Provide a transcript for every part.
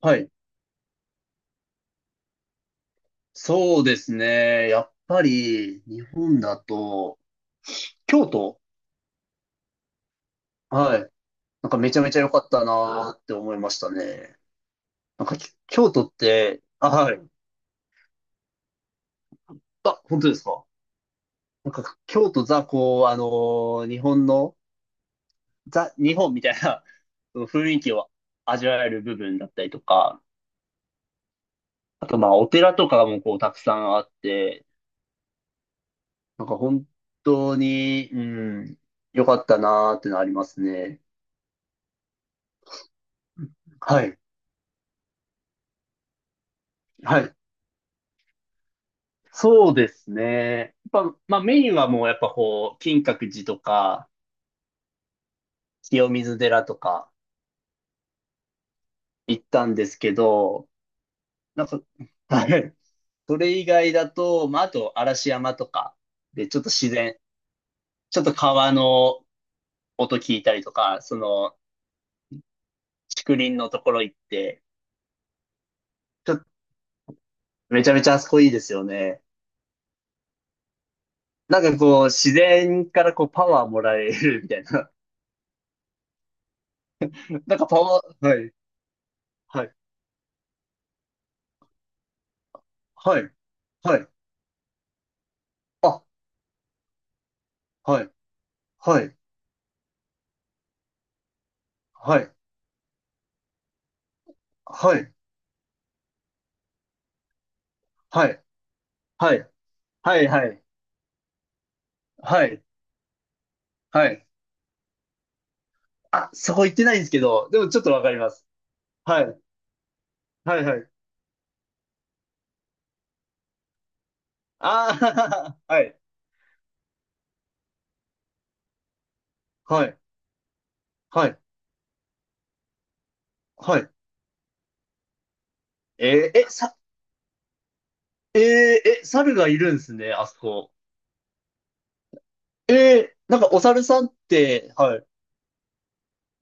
はい。そうですね。やっぱり、日本だと、京都、はい。なんかめちゃめちゃ良かったなーって思いましたね。なんか、き京都って、あ、はい。あ、本当ですか。なんか、京都ザ、こう、日本の、ザ、日本みたいな その雰囲気を味わえる部分だったりとか、あと、まあ、お寺とかもこう、たくさんあって、なんか本当に、ん、良かったなーってのありますね。はい。はい。そうですね。やっぱ、まあメインはもうやっぱこう、金閣寺とか、清水寺とか行ったんですけど、なんか、はい。それ以外だと、まああと嵐山とか、で、ちょっと自然、ちょっと川の音聞いたりとか、その、竹林のところ行って、ちょっとめちゃめちゃあそこいいですよね。なんかこう、自然からこう、パワーもらえるみたいな。なんかパワー、はい、はい、はい、はい。あ、はい。はい、はい、はい、はい、はい、はい、はい、はい、はい。あ、そこ行ってないんですけど、でもちょっとわかります。はい、はい、はい。ああ、はい、はい、はい、はい。えーえ、さ、えーえ、猿がいるんですね、あそこ。えーなんかお猿さんって、はい、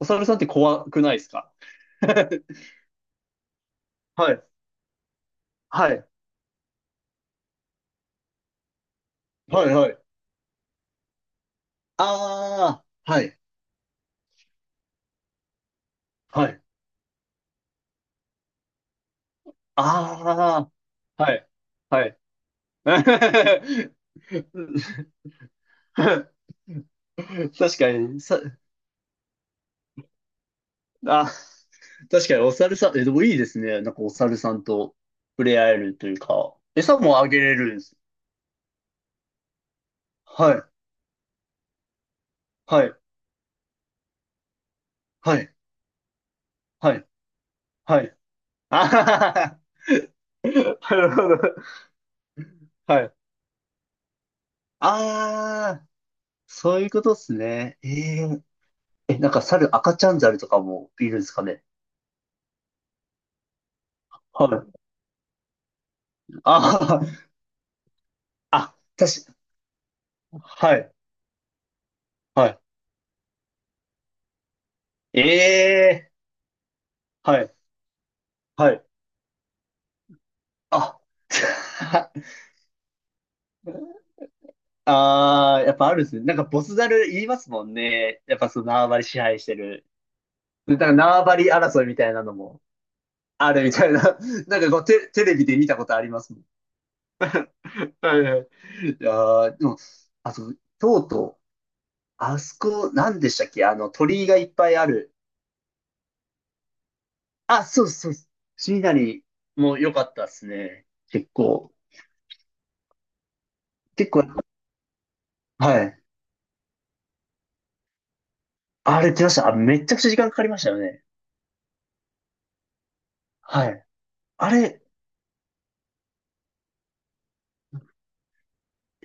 お猿さんって怖くないですか？ はい、はい、はい、はい。ああ、はい、はい。ああ、はい、はい。確かに、さ、あ、確かにお猿さん、え、でもいいですね。なんかお猿さんと触れ合えるというか、餌もあげれるんです。はい、はい、はい、はい、はい。あはははは、なるほど。はい。ああ、そういうことですね。えええ、なんか猿、赤ちゃん猿とかもいるんですかね。はい。あーあ、確か、はい、はい。ええはい、はい。あ、ああ、やっぱあるんですね。なんかボスザル言いますもんね。やっぱその縄張り支配してる。でなんか縄張り争いみたいなのもあるみたいな。テレビで見たことありますもん。はいはい。いやーでも、あと、とうとう、あそこ、なんでしたっけあの、鳥居がいっぱいある。あ、そうですそうです。シーナリも良かったですね。結構。結構、はい。あれ来ました。あ、めちゃくちゃ時間かかりましたよね。はい。あれ、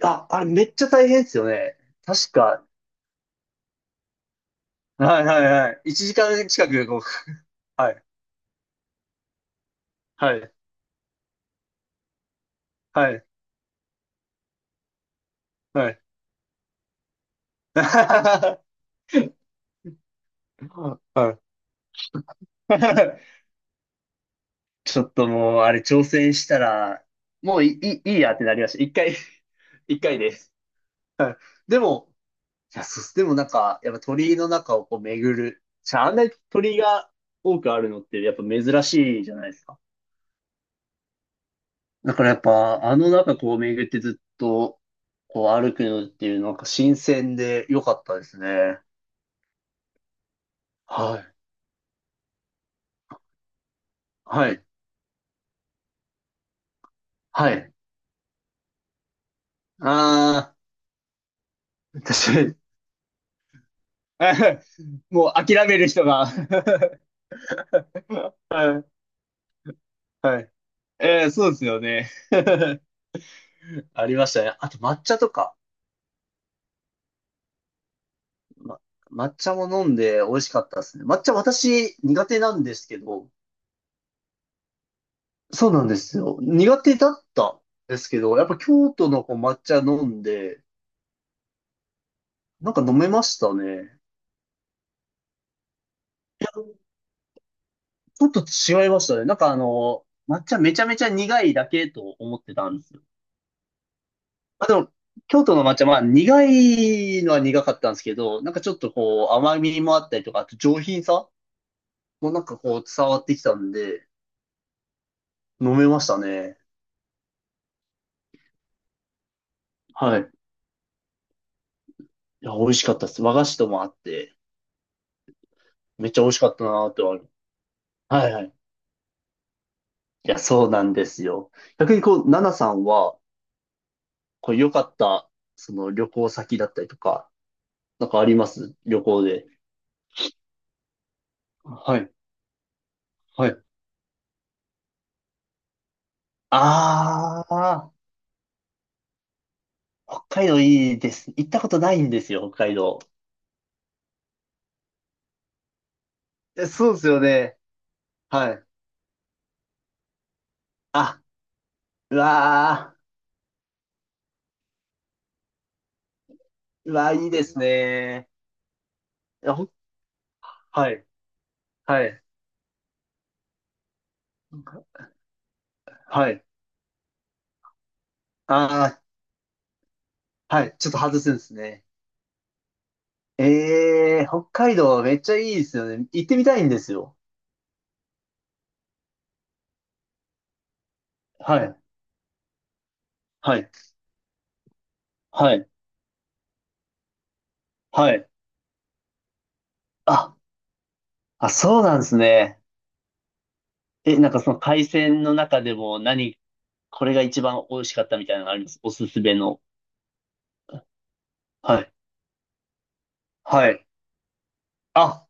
あ、あれめっちゃ大変ですよね。確か、はいはいはい。1時間近く、こう、はい、はい、はい、はい。はい ちょっともう、あれ、挑戦したら、もういい、いいやってなりました。一回、一回です。はい。でも、いや、そうっすでもなんか、やっぱ鳥居の中をこう巡る。じゃあ、あんなに鳥居が多くあるのって、やっぱ珍しいじゃないですか。だからやっぱ、あの中こう巡ってずっと、こう歩くのっていう、なんか新鮮で良かったですね。はい。はい。はい。ああ、確かに。もう諦める人が はい、はい。えーそうですよね。ありましたね。あと抹茶とか。ま、抹茶も飲んで美味しかったですね。抹茶私苦手なんですけど、そうなんですよ。苦手だったんですけど、やっぱ京都のこう抹茶飲んで、なんか飲めましたね。いや、ちょっと違いましたね。なんかあの、抹茶めちゃめちゃ苦いだけと思ってたんですよ。あ、でも、京都の抹茶、まあ、苦いのは苦かったんですけど、なんかちょっとこう、甘みもあったりとか、あと上品さもなんかこう、伝わってきたんで、飲めましたね。はい。いや、美味しかったです。和菓子ともあって、めっちゃ美味しかったなーって思うはいはい。いや、そうなんですよ。逆にこう、ナナさんは、こう、良かった、その旅行先だったりとか、なんかあります旅行で。はい、はい。あー、北海道いいです。行ったことないんですよ、北海道。えそうですよね。はい。あ、うわうわー、いいですね。いやほんはい、はい、はい。あー、はい、ちょっと外すんですね。えー、北海道めっちゃいいですよね。行ってみたいんですよ。はい、はい、はい、はい。あ、あ、そうなんですね。え、なんかその海鮮の中でも何、これが一番美味しかったみたいなのありますおすすめの。はい、はい。あ、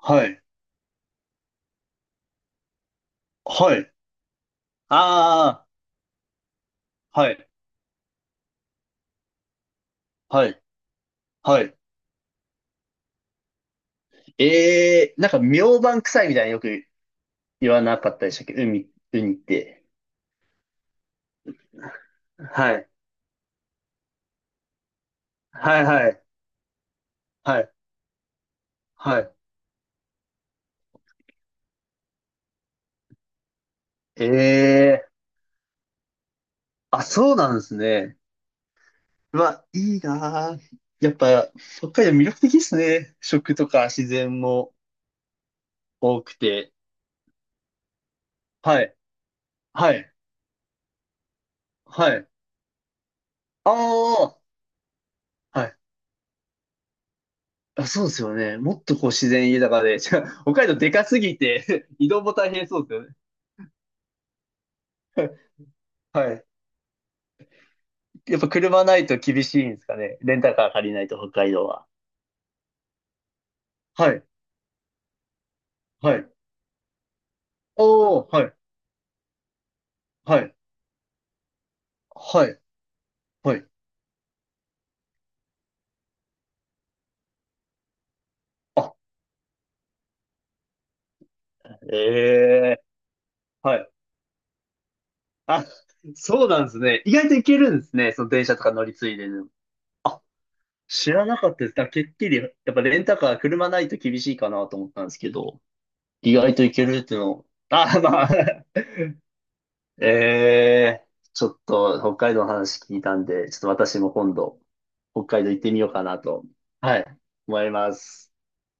はい、はい。ああ、はい、はい、はい。ええーなんか明晩臭いみたいなよく言わなかったでしたっけ海、ウニって。はい。はいはい。はい。はい。ええーあ、そうなんですね。うわ、いいなあやっぱ、北海道魅力的ですね。食とか自然も多くて。はい。はい。はい。ああ、はい。あ、そうですよね。もっとこう自然豊かで。じゃあ北海道でかすぎて 移動も大変そうですよね。はい。やっぱ車ないと厳しいんですかね。レンタカー借りないと北海道は。はい、はい。おおはい、はい、はい、はい。あ、ええはい。あ、そうなんですね。意外といけるんですね。その電車とか乗り継いででも。あ、知らなかったです。だからてっきり、やっぱレンタカー車ないと厳しいかなと思ったんですけど、意外といけるっていうのを。あ、まあ ええちょっと北海道の話聞いたんで、ちょっと私も今度、北海道行ってみようかなと、はい、思います。